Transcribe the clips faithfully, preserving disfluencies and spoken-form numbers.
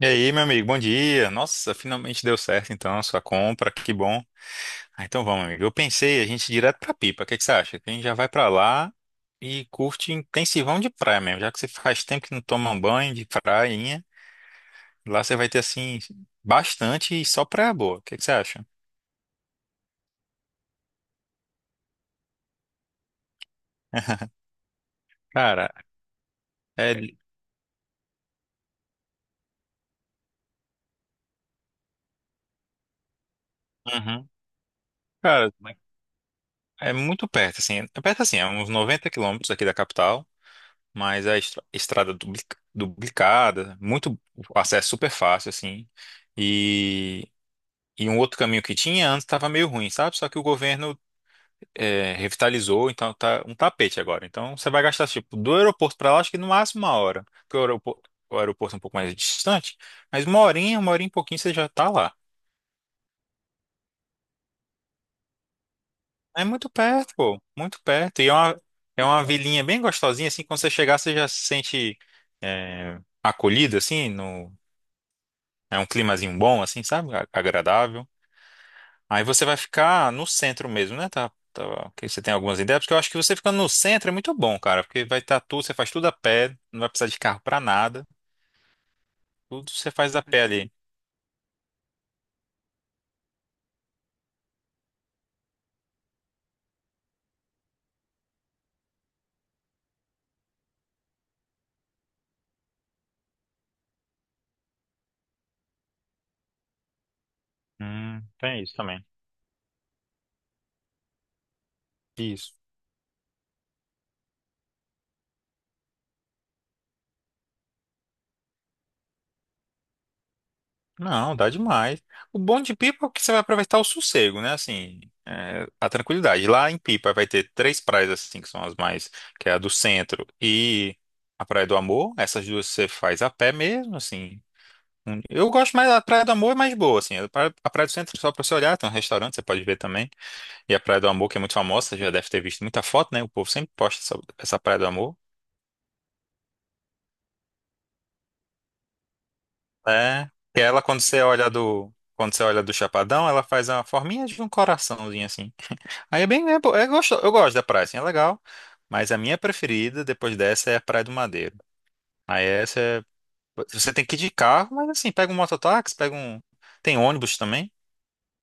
E aí, meu amigo, bom dia. Nossa, finalmente deu certo então a sua compra, que bom. Ah, então vamos, amigo. Eu pensei a gente ir direto pra Pipa. O que é que você acha? Que a gente já vai pra lá e curte intensivão de praia mesmo, já que você faz tempo que não toma um banho de prainha. Lá você vai ter assim bastante e só praia boa. O que é que você acha? Cara, é, Uhum. Cara, é muito perto assim. É perto assim, é uns noventa quilômetros aqui da capital. Mas a estra- estrada duplica- duplicada, muito o acesso super fácil, assim. E, e um outro caminho que tinha antes estava meio ruim, sabe? Só que o governo é, revitalizou, então tá um tapete agora. Então você vai gastar, tipo, do aeroporto para lá, acho que no máximo uma hora. Porque o aeroporto, o aeroporto é um pouco mais distante, mas uma horinha, uma horinha e pouquinho você já tá lá. É muito perto, pô, muito perto. E é uma, é uma vilinha bem gostosinha, assim, quando você chegar, você já se sente. é, acolhido, assim, no, É um climazinho bom, assim, sabe? A- Agradável. Aí você vai ficar no centro mesmo, né? Tá, tá, que você tem algumas ideias, porque eu acho que você ficando no centro é muito bom, cara, porque vai estar tudo, você faz tudo a pé, não vai precisar de carro pra nada, tudo você faz a pé ali. Hum, tem isso também. Isso. Não, dá demais. O bom de Pipa é que você vai aproveitar o sossego, né? Assim, é, a tranquilidade. Lá em Pipa vai ter três praias, assim, que são as mais, que é a do centro e a Praia do Amor. Essas duas você faz a pé mesmo, assim. Eu gosto mais, a Praia do Amor é mais boa, assim. A Praia a Praia do Centro, só pra você olhar, tem um restaurante, você pode ver também. E a Praia do Amor, que é muito famosa, você já deve ter visto muita foto, né? O povo sempre posta essa, essa Praia do Amor. É. E ela, quando você olha do, quando você olha do Chapadão, ela faz uma forminha de um coraçãozinho, assim. Aí é bem, é, bo- é gosto, eu gosto da praia, assim, é legal. Mas a minha preferida, depois dessa, é a Praia do Madeiro. Aí essa é, você tem que ir de carro, mas assim, pega um mototáxi, pega um, tem ônibus também.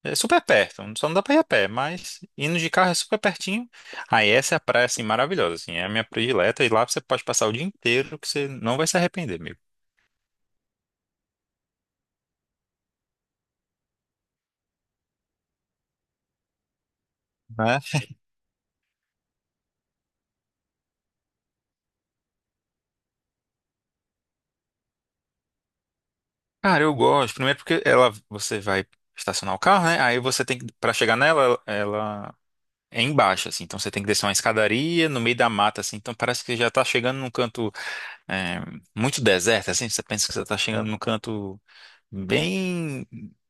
É super perto, só não dá pra ir a pé, mas indo de carro é super pertinho. Aí essa é a praia, assim, maravilhosa, assim, é a minha predileta, e lá você pode passar o dia inteiro que você não vai se arrepender, amigo, né? Cara, eu gosto, primeiro porque ela, você vai estacionar o carro, né? Aí você tem que, pra chegar nela, ela é embaixo, assim, então você tem que descer uma escadaria no meio da mata, assim, então parece que já tá chegando num canto é, muito deserto, assim, você pensa que você tá chegando num canto bem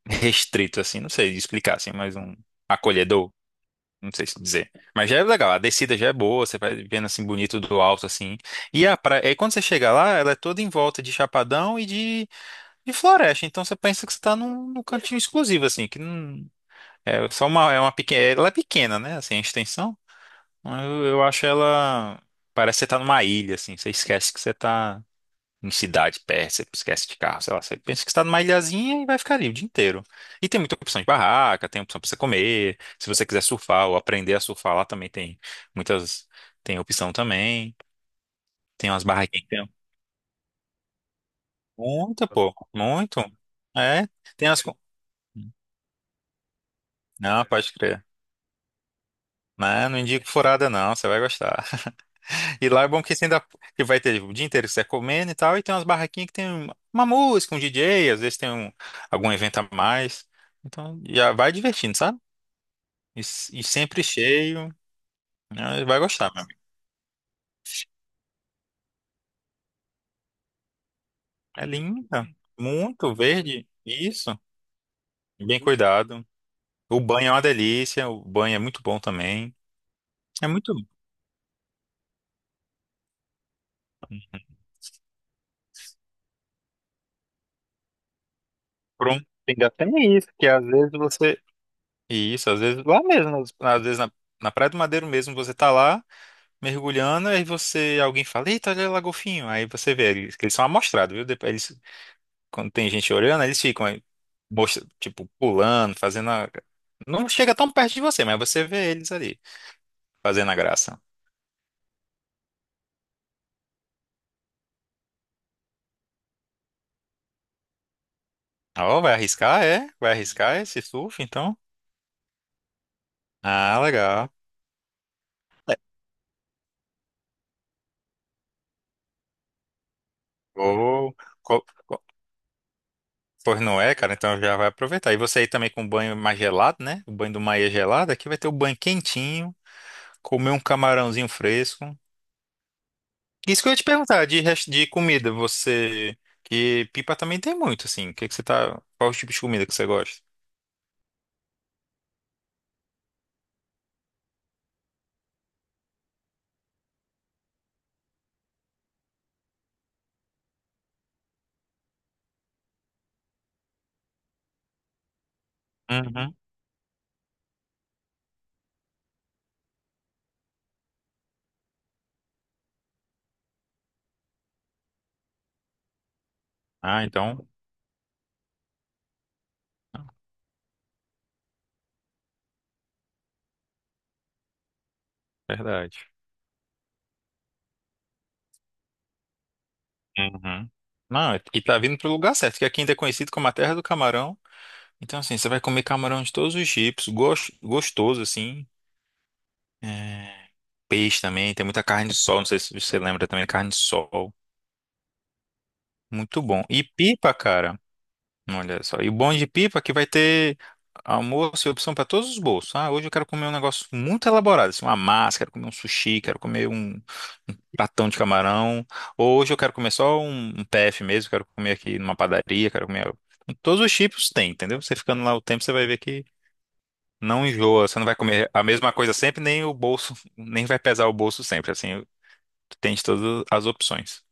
restrito, assim, não sei explicar, assim, mas um acolhedor. Não sei se dizer. Mas já é legal. A descida já é boa, você vai vendo assim bonito do alto, assim. E a praia, aí quando você chega lá, ela é toda em volta de chapadão e de, de floresta. Então você pensa que você tá num, num cantinho exclusivo, assim, que não. É só uma. É uma pequena. Ela é pequena, né? Assim, a extensão. Eu, eu acho ela. Parece que você tá numa ilha, assim. Você esquece que você tá em cidade perto, você esquece de carro, sei lá, você pensa que está numa ilhazinha e vai ficar ali o dia inteiro. E tem muita opção de barraca, tem opção para você comer, se você quiser surfar ou aprender a surfar lá também tem muitas, tem opção também, tem umas barraquinhas. que tem muita, pô, muito. É, tem as... co- Não, pode crer. Não, não indico furada não, você vai gostar. E lá é bom que você ainda que vai ter o dia inteiro que você tá comendo e tal, e tem umas barraquinhas que tem um, uma música, um D J, às vezes tem um, algum evento a mais. Então já vai divertindo, sabe? E, s- e sempre cheio. Né? Vai gostar, meu amigo. É linda, muito verde, isso, bem cuidado. O banho é uma delícia, o banho é muito bom também. É muito Pronto. Ainda tem isso, que às vezes você. Isso, às vezes lá mesmo, às às vezes na, na Praia do Madeiro mesmo, você tá lá. Mergulhando, aí você, alguém fala, eita, olha lá, golfinho. Aí você vê, eles, que eles são amostrados, viu? Depois, eles, quando tem gente olhando, eles ficam aí, mostra- tipo, pulando, fazendo a... Não chega tão perto de você, mas você vê eles ali, fazendo a graça. Ó, vai arriscar, é? Vai arriscar esse surf, então? Ah, legal. É. Vou- co- co- Pois não é, cara, então já vai aproveitar. E você aí também com o banho mais gelado, né? O banho do mar é gelado, aqui vai ter o banho quentinho, comer um camarãozinho fresco. Isso que eu ia te perguntar, de, res- de comida, você. Que pipa também tem muito, assim. O que que você tá. Qual o tipo de comida que você gosta? Uhum. Ah, então. Verdade. Uhum. Não, é, e tá vindo pro lugar certo, que aqui ainda é conhecido como a terra do camarão. Então, assim, você vai comer camarão de todos os tipos, gos- gostoso, assim. É, peixe também, tem muita carne de sol, não sei se você lembra também, carne de sol. Muito bom. E pipa, cara. Olha só. E o bom de pipa é que vai ter almoço e opção para todos os bolsos. Ah, hoje eu quero comer um negócio muito elaborado, assim, uma massa, quero comer um sushi, quero comer um pratão de camarão. Ou hoje eu quero comer só um, um P F mesmo, quero comer aqui numa padaria, quero comer. um, Todos os tipos tem, entendeu? Você ficando lá o tempo, você vai ver que não enjoa, você não vai comer a mesma coisa sempre, nem o bolso, nem vai pesar o bolso sempre. Assim, tem de todas as opções.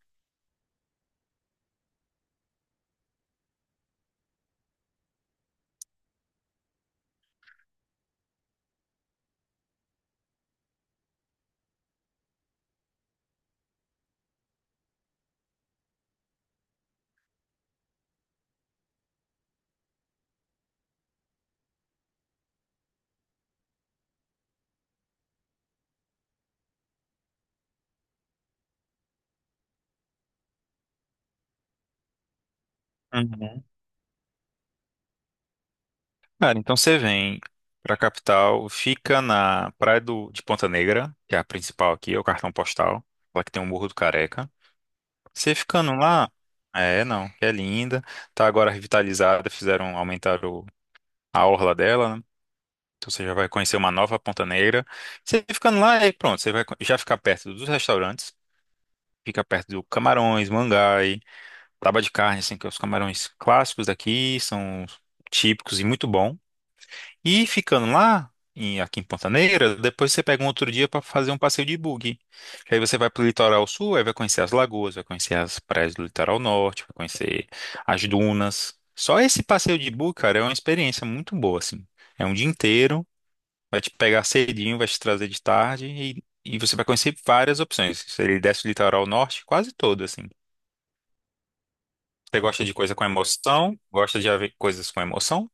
Cara, então você vem pra capital, fica na Praia do, de Ponta Negra, que é a principal aqui, é o cartão postal, lá que tem o Morro do Careca. Você ficando lá, é, não, que é linda, tá agora revitalizada, fizeram, aumentaram a orla dela, né? Então você já vai conhecer uma nova Ponta Negra. Você ficando lá, aí pronto, você vai co- já ficar perto dos restaurantes, fica perto do Camarões, Mangai, Taba de Carne, assim, que é os camarões clássicos daqui, são típicos e muito bom. E ficando lá, em- aqui em Pantaneira, depois você pega um outro dia para fazer um passeio de buggy. Que aí você vai pro litoral sul, aí vai conhecer as lagoas, vai conhecer as praias do litoral norte, vai conhecer as dunas. Só esse passeio de buggy, cara, é uma experiência muito boa, assim. É um dia inteiro, vai te pegar cedinho, vai te trazer de tarde e, e você vai conhecer várias opções. Ele desce o litoral norte quase todo, assim. Você gosta de coisa com emoção? Gosta de ave- coisas com emoção?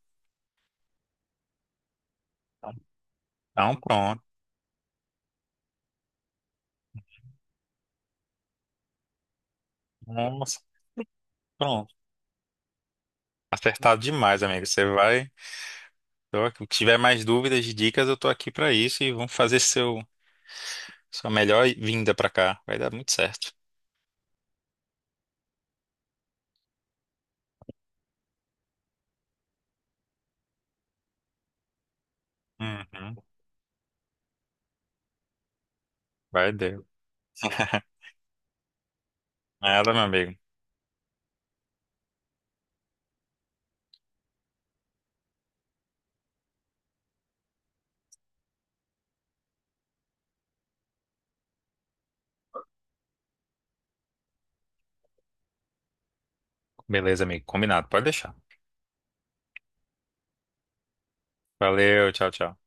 Então pronto. Nossa, pronto. Acertado demais, amigo. Você vai. Então, se tiver mais dúvidas, dicas, eu tô aqui pra isso e vamos fazer seu sua melhor vinda pra cá. Vai dar muito certo. Uhum. Vai dar. Nada, meu amigo. Beleza, amigo. Combinado. Pode deixar. Valeu, tchau, tchau.